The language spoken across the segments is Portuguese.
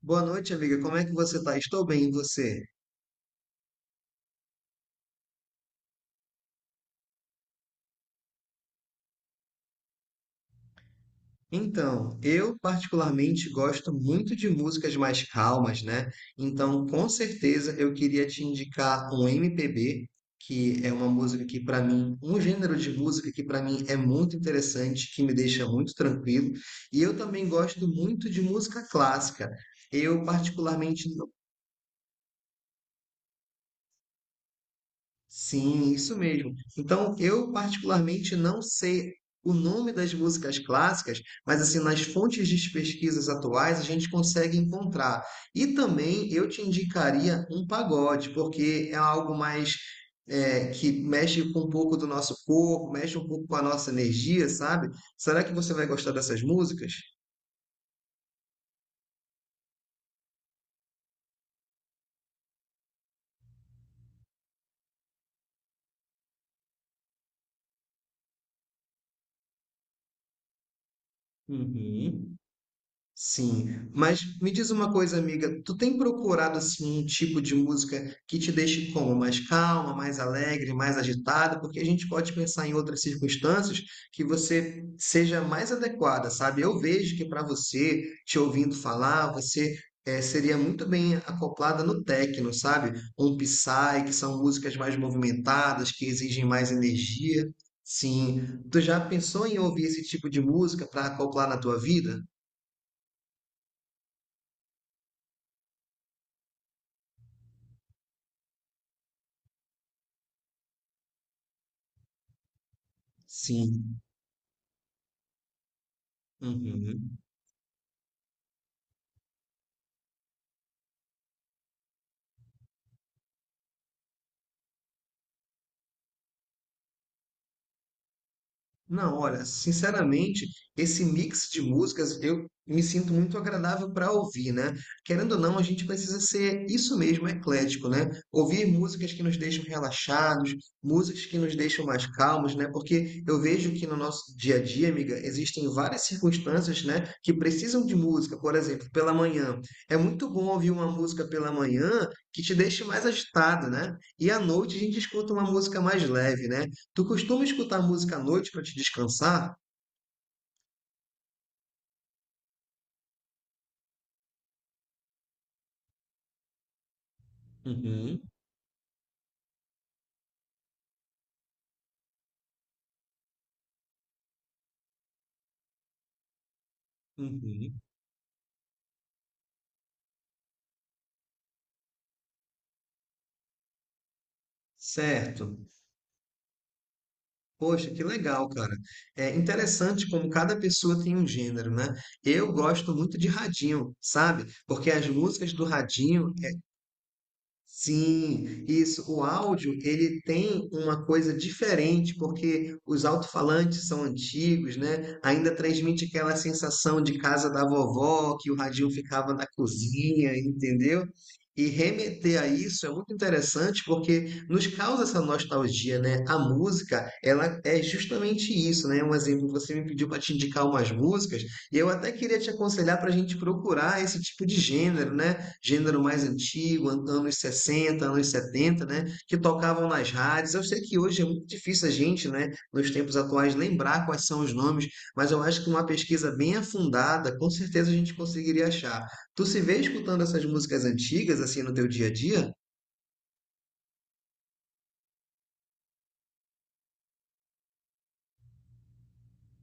Boa noite, amiga. Como é que você tá? Estou bem, e você? Então, eu particularmente gosto muito de músicas mais calmas, né? Então, com certeza eu queria te indicar um MPB, que é uma música que para mim, um gênero de música que para mim é muito interessante, que me deixa muito tranquilo. E eu também gosto muito de música clássica. Eu particularmente. Sim, isso mesmo. Então, eu particularmente não sei o nome das músicas clássicas, mas assim, nas fontes de pesquisas atuais a gente consegue encontrar. E também eu te indicaria um pagode, porque é algo mais que mexe com um pouco do nosso corpo, mexe um pouco com a nossa energia, sabe? Será que você vai gostar dessas músicas? Uhum. Sim, mas me diz uma coisa, amiga, tu tem procurado assim um tipo de música que te deixe como mais calma, mais alegre, mais agitada, porque a gente pode pensar em outras circunstâncias que você seja mais adequada, sabe? Eu vejo que para você, te ouvindo falar, você seria muito bem acoplada no techno, sabe? Um Psy, que são músicas mais movimentadas, que exigem mais energia. Sim, tu já pensou em ouvir esse tipo de música para acoplar na tua vida? Sim. Uhum. Não, olha, sinceramente, esse mix de músicas eu me sinto muito agradável para ouvir, né? Querendo ou não, a gente precisa ser isso mesmo, eclético, né? Ouvir músicas que nos deixam relaxados, músicas que nos deixam mais calmos, né? Porque eu vejo que no nosso dia a dia, amiga, existem várias circunstâncias, né, que precisam de música. Por exemplo, pela manhã. É muito bom ouvir uma música pela manhã que te deixe mais agitado, né? E à noite a gente escuta uma música mais leve, né? Tu costuma escutar música à noite para te descansar? Uhum, uhum. Certo. Poxa, que legal, cara. É interessante como cada pessoa tem um gênero, né? Eu gosto muito de radinho, sabe? Porque as músicas do radinho. Sim, isso. O áudio, ele tem uma coisa diferente, porque os alto-falantes são antigos, né? Ainda transmite aquela sensação de casa da vovó, que o radinho ficava na cozinha, entendeu? E remeter a isso é muito interessante porque nos causa essa nostalgia, né? A música, ela é justamente isso, né? Um exemplo, você me pediu para te indicar umas músicas, e eu até queria te aconselhar para a gente procurar esse tipo de gênero, né? Gênero mais antigo, anos 60, anos 70, né? Que tocavam nas rádios. Eu sei que hoje é muito difícil a gente, né, nos tempos atuais, lembrar quais são os nomes, mas eu acho que uma pesquisa bem afundada, com certeza a gente conseguiria achar. Tu se vê escutando essas músicas antigas, assim, no teu dia a dia?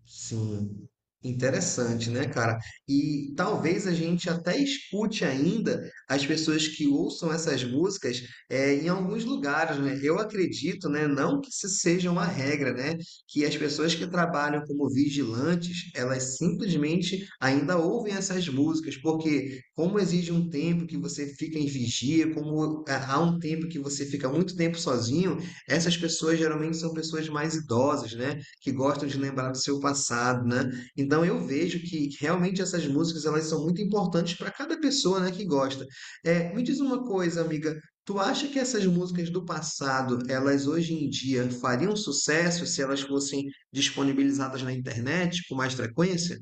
Sim, interessante, né, cara? E talvez a gente até escute ainda as pessoas que ouçam essas músicas em alguns lugares, né? Eu acredito, né, não que isso seja uma regra, né, que as pessoas que trabalham como vigilantes, elas simplesmente ainda ouvem essas músicas, porque como exige um tempo que você fica em vigia, como há um tempo que você fica muito tempo sozinho, essas pessoas geralmente são pessoas mais idosas, né? Que gostam de lembrar do seu passado, né? Então eu vejo que realmente essas músicas elas são muito importantes para cada pessoa, né, que gosta. É, me diz uma coisa, amiga, tu acha que essas músicas do passado, elas hoje em dia fariam sucesso se elas fossem disponibilizadas na internet com mais frequência?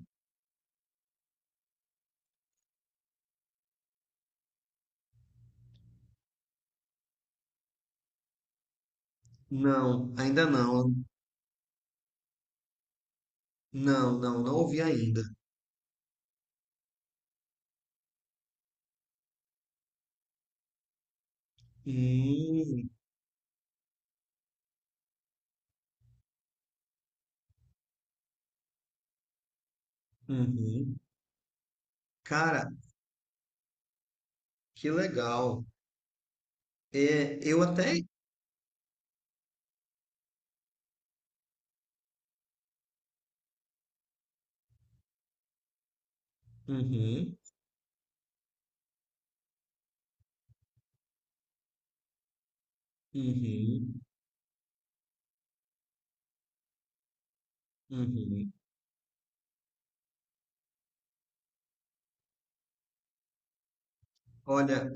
Não, ainda não. Não, não, não ouvi ainda. Hum, uhum. Cara, que legal. É, eu até. Uhum, uhum, uhum. Olha,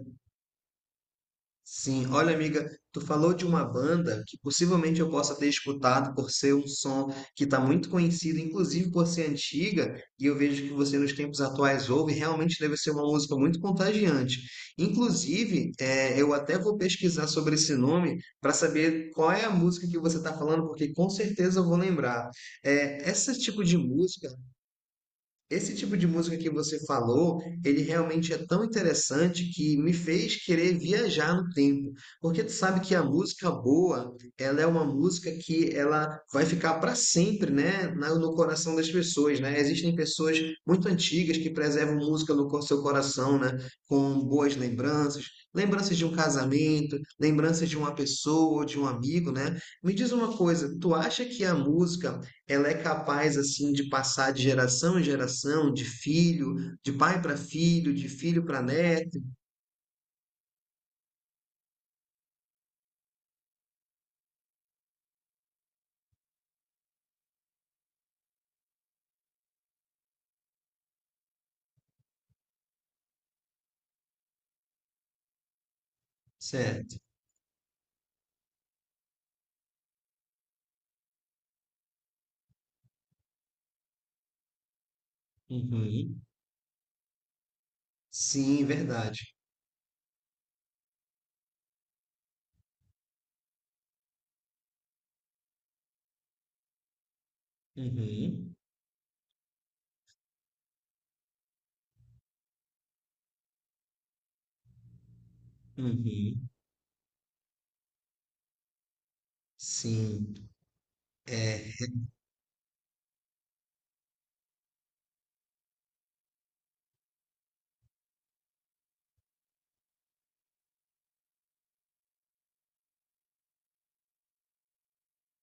sim, olha, amiga, tu falou de uma banda que possivelmente eu possa ter escutado por ser um som que está muito conhecido, inclusive por ser antiga, e eu vejo que você nos tempos atuais ouve, realmente deve ser uma música muito contagiante. Inclusive, eu até vou pesquisar sobre esse nome para saber qual é a música que você está falando, porque com certeza eu vou lembrar. Eh, esse tipo de música esse tipo de música que você falou, ele realmente é tão interessante que me fez querer viajar no tempo, porque tu sabe que a música boa, ela é uma música que ela vai ficar para sempre, né, no coração das pessoas, né? Existem pessoas muito antigas que preservam música no seu coração, né, com boas lembranças, lembranças de um casamento, lembranças de uma pessoa, de um amigo, né? Me diz uma coisa, tu acha que a música ela é capaz assim de passar de geração em geração, de filho, de pai para filho, de filho para neto, certo? Uhum. Sim, verdade. Uhum. Uhum. Sim, é.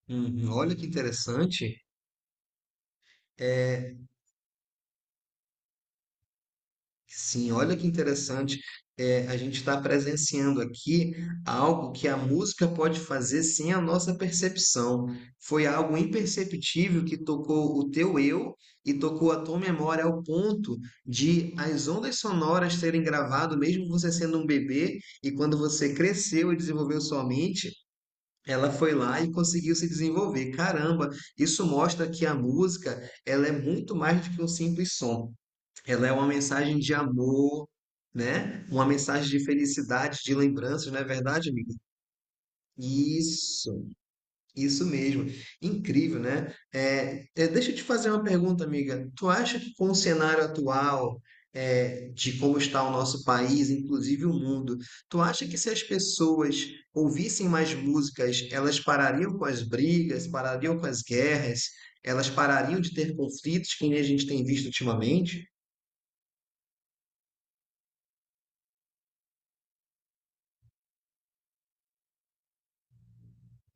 Uhum. Olha que interessante. É, sim, olha que interessante. É, a gente está presenciando aqui algo que a música pode fazer sem a nossa percepção. Foi algo imperceptível que tocou o teu eu e tocou a tua memória ao ponto de as ondas sonoras terem gravado, mesmo você sendo um bebê, e quando você cresceu e desenvolveu sua mente, ela foi lá e conseguiu se desenvolver. Caramba, isso mostra que a música, ela é muito mais do que um simples som. Ela é uma mensagem de amor, né? Uma mensagem de felicidade, de lembranças, não é verdade, amiga? Isso, isso mesmo. Incrível, né? Deixa eu te fazer uma pergunta, amiga. Tu acha que com o cenário atual, de como está o nosso país, inclusive o mundo, tu acha que se as pessoas ouvissem mais músicas, elas parariam com as brigas, parariam com as guerras, elas parariam de ter conflitos que nem a gente tem visto ultimamente?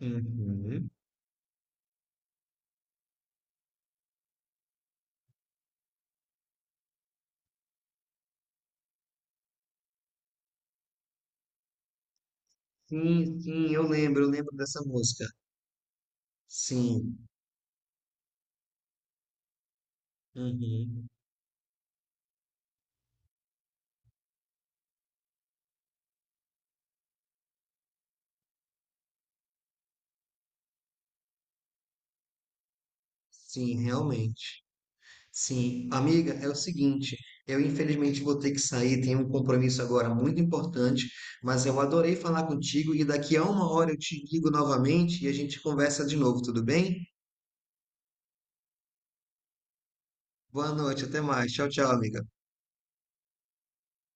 Uhum. Sim, sim, eu lembro dessa música. Sim, uhum, sim, realmente. Sim, amiga, é o seguinte, eu infelizmente vou ter que sair, tenho um compromisso agora muito importante, mas eu adorei falar contigo e daqui a uma hora eu te ligo novamente e a gente conversa de novo, tudo bem? Boa noite, até mais. Tchau, tchau, amiga.